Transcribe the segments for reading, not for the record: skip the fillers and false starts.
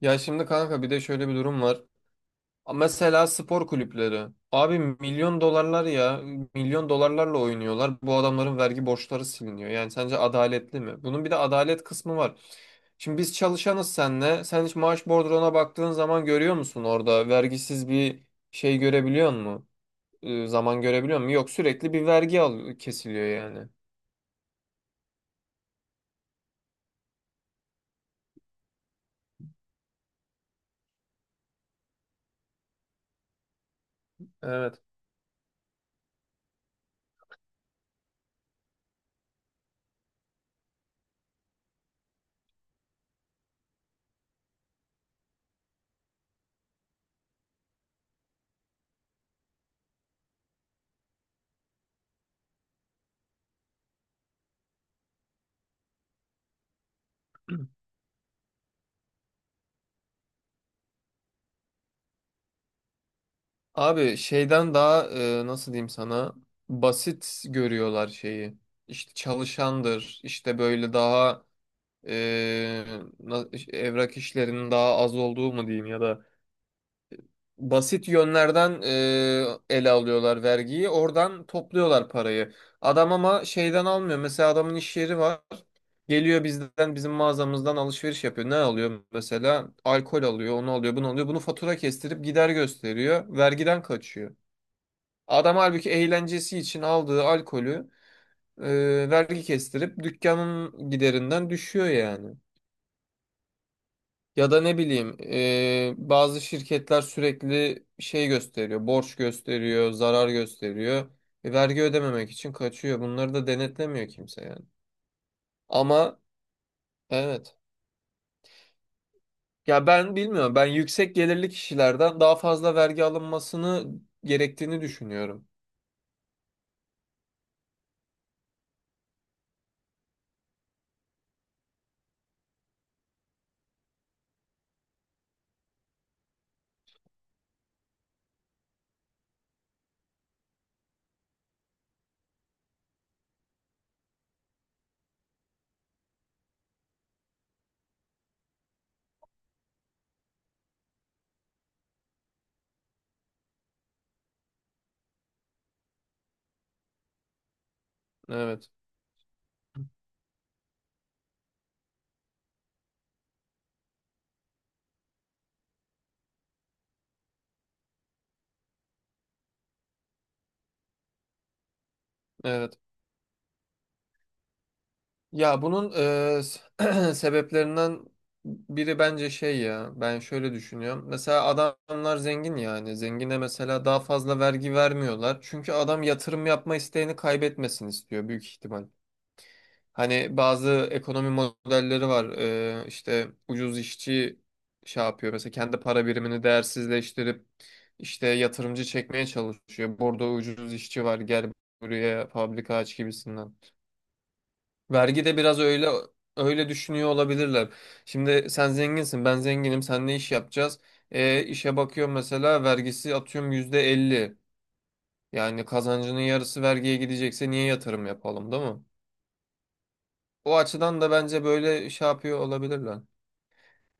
Ya şimdi kanka bir de şöyle bir durum var. Mesela spor kulüpleri. Abi milyon dolarlar ya. Milyon dolarlarla oynuyorlar. Bu adamların vergi borçları siliniyor. Yani sence adaletli mi? Bunun bir de adalet kısmı var. Şimdi biz çalışanız senle. Sen hiç maaş bordrona baktığın zaman görüyor musun orada? Vergisiz bir şey görebiliyor musun? Zaman görebiliyor musun? Yok sürekli bir vergi al kesiliyor yani. Evet. Abi şeyden daha nasıl diyeyim sana basit görüyorlar şeyi. İşte çalışandır, işte böyle daha e, evrak işlerinin daha az olduğu mu diyeyim ya da basit yönlerden ele alıyorlar vergiyi. Oradan topluyorlar parayı. Adam ama şeyden almıyor. Mesela adamın iş yeri var. Geliyor bizden bizim mağazamızdan alışveriş yapıyor. Ne alıyor mesela? Alkol alıyor, onu alıyor, bunu alıyor. Bunu fatura kestirip gider gösteriyor. Vergiden kaçıyor. Adam halbuki eğlencesi için aldığı alkolü vergi kestirip dükkanın giderinden düşüyor yani. Ya da ne bileyim bazı şirketler sürekli şey gösteriyor, borç gösteriyor, zarar gösteriyor. Vergi ödememek için kaçıyor. Bunları da denetlemiyor kimse yani. Ama evet. Ya ben bilmiyorum. Ben yüksek gelirli kişilerden daha fazla vergi alınmasını gerektiğini düşünüyorum. Evet. Evet. Ya bunun sebeplerinden biri bence şey ya. Ben şöyle düşünüyorum. Mesela adamlar zengin yani. Zengine mesela daha fazla vergi vermiyorlar. Çünkü adam yatırım yapma isteğini kaybetmesin istiyor büyük ihtimal. Hani bazı ekonomi modelleri var. İşte ucuz işçi şey yapıyor. Mesela kendi para birimini değersizleştirip işte yatırımcı çekmeye çalışıyor. Burada ucuz işçi var gel buraya fabrika aç gibisinden. Vergi de biraz öyle düşünüyor olabilirler. Şimdi sen zenginsin, ben zenginim, sen ne iş yapacağız? İşe bakıyorum mesela vergisi atıyorum yüzde elli. Yani kazancının yarısı vergiye gidecekse niye yatırım yapalım, değil mi? O açıdan da bence böyle şey yapıyor olabilirler.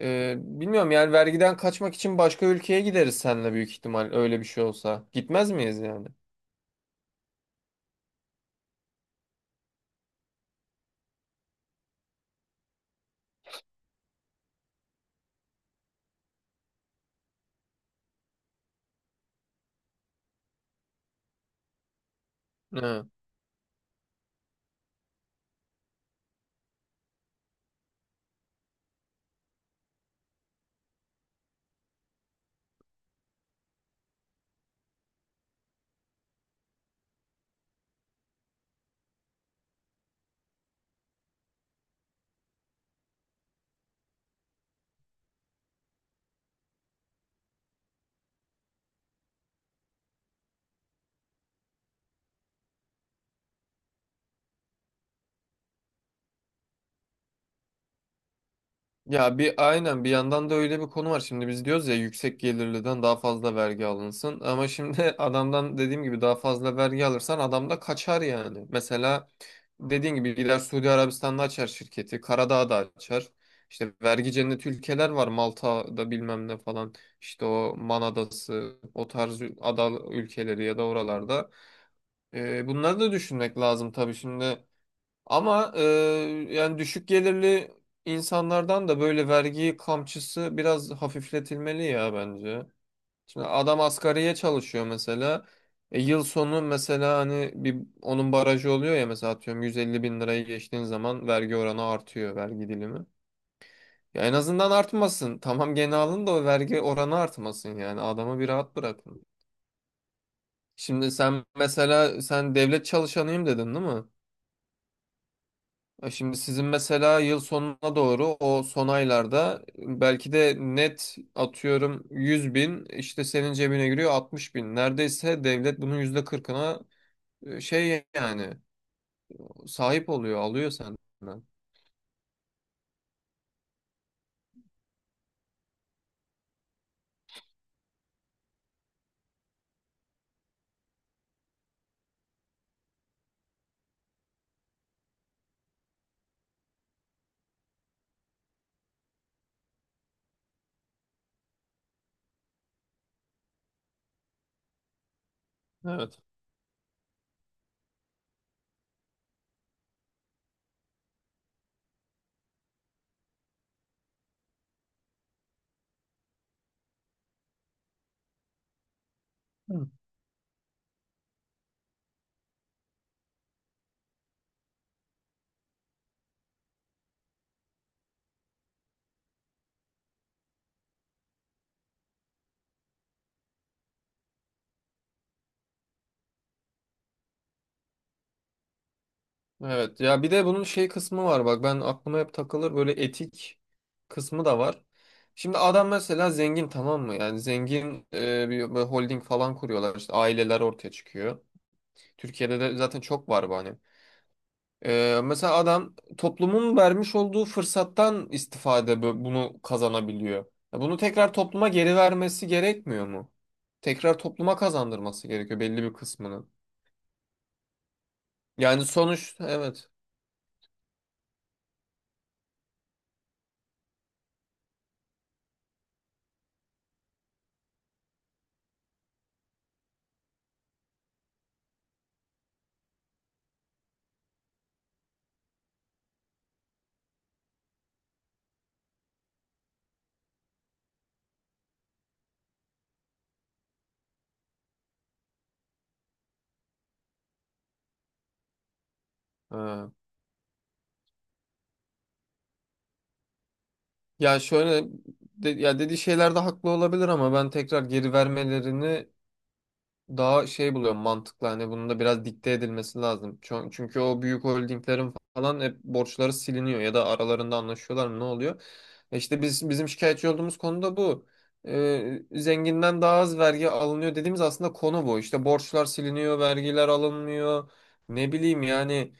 Bilmiyorum yani vergiden kaçmak için başka ülkeye gideriz seninle büyük ihtimal öyle bir şey olsa. Gitmez miyiz yani? He. Ya bir aynen bir yandan da öyle bir konu var. Şimdi biz diyoruz ya yüksek gelirliden daha fazla vergi alınsın. Ama şimdi adamdan dediğim gibi daha fazla vergi alırsan adam da kaçar yani. Mesela dediğin gibi gider Suudi Arabistan'da açar şirketi. Karadağ'da açar. İşte vergi cenneti ülkeler var. Malta'da bilmem ne falan. İşte o Man Adası, o tarz ada ülkeleri ya da oralarda. Bunları da düşünmek lazım tabii şimdi. Ama yani düşük gelirli insanlardan da böyle vergi kamçısı biraz hafifletilmeli ya bence. Şimdi adam asgariye çalışıyor mesela. E, yıl sonu mesela hani bir onun barajı oluyor ya mesela atıyorum 150 bin lirayı geçtiğin zaman vergi oranı artıyor, vergi dilimi. Ya en azından artmasın. Tamam gene alın da o vergi oranı artmasın yani adamı bir rahat bırakın. Şimdi sen mesela, sen devlet çalışanıyım dedin değil mi? E şimdi sizin mesela yıl sonuna doğru o son aylarda belki de net atıyorum 100 bin, işte senin cebine giriyor 60 bin. Neredeyse devlet bunun yüzde 40'ına e, şey yani sahip oluyor, alıyor senden. Evet. Hı. Evet ya bir de bunun şey kısmı var, bak ben aklıma hep takılır böyle, etik kısmı da var. Şimdi adam mesela zengin, tamam mı? Yani zengin bir holding falan kuruyorlar işte, aileler ortaya çıkıyor. Türkiye'de de zaten çok var bu hani. Mesela adam toplumun vermiş olduğu fırsattan istifade bunu kazanabiliyor. Ya bunu tekrar topluma geri vermesi gerekmiyor mu? Tekrar topluma kazandırması gerekiyor belli bir kısmını. Yani sonuç, evet. Ha. Ya şöyle ya dediği şeylerde haklı olabilir ama ben tekrar geri vermelerini daha şey buluyorum, mantıklı, hani bunun da biraz dikte edilmesi lazım. Çünkü o büyük holdinglerin falan hep borçları siliniyor ya da aralarında anlaşıyorlar mı, ne oluyor? İşte bizim şikayetçi olduğumuz konu da bu. Zenginden daha az vergi alınıyor dediğimiz aslında konu bu. İşte borçlar siliniyor, vergiler alınmıyor. Ne bileyim yani,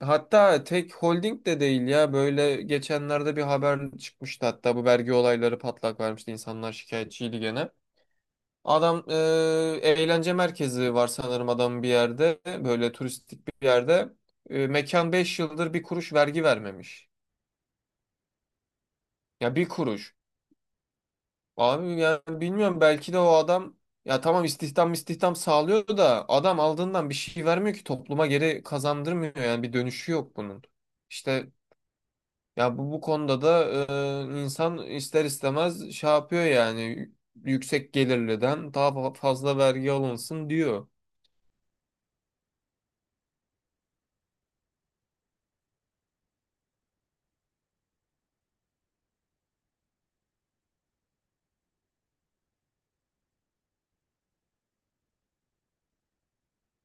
hatta tek holding de değil ya, böyle geçenlerde bir haber çıkmıştı hatta, bu vergi olayları patlak vermişti, insanlar şikayetçiydi gene. Adam eğlence merkezi var sanırım adamın bir yerde. Böyle turistik bir yerde. E, mekan 5 yıldır bir kuruş vergi vermemiş. Ya bir kuruş. Abi yani bilmiyorum belki de o adam, ya tamam istihdam sağlıyor da adam aldığından bir şey vermiyor ki, topluma geri kazandırmıyor yani, bir dönüşü yok bunun. İşte ya bu konuda da insan ister istemez şey yapıyor yani, yüksek gelirliden daha fazla vergi alınsın diyor.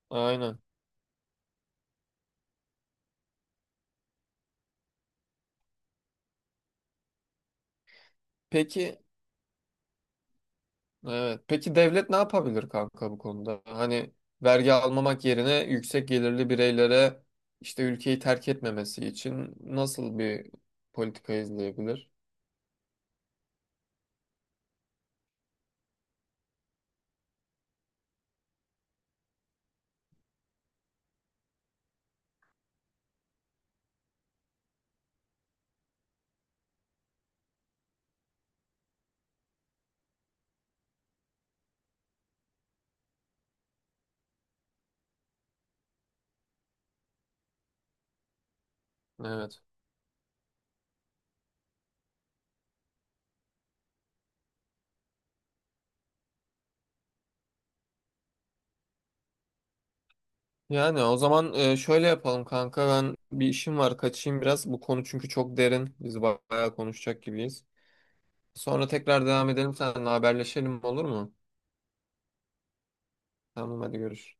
Aynen. Peki, evet. Peki devlet ne yapabilir kanka bu konuda? Hani vergi almamak yerine yüksek gelirli bireylere, işte ülkeyi terk etmemesi için nasıl bir politika izleyebilir? Evet. Yani o zaman şöyle yapalım kanka, ben bir işim var kaçayım biraz. Bu konu çünkü çok derin. Biz bayağı konuşacak gibiyiz. Sonra tekrar devam edelim, seninle haberleşelim, olur mu? Tamam hadi görüşürüz.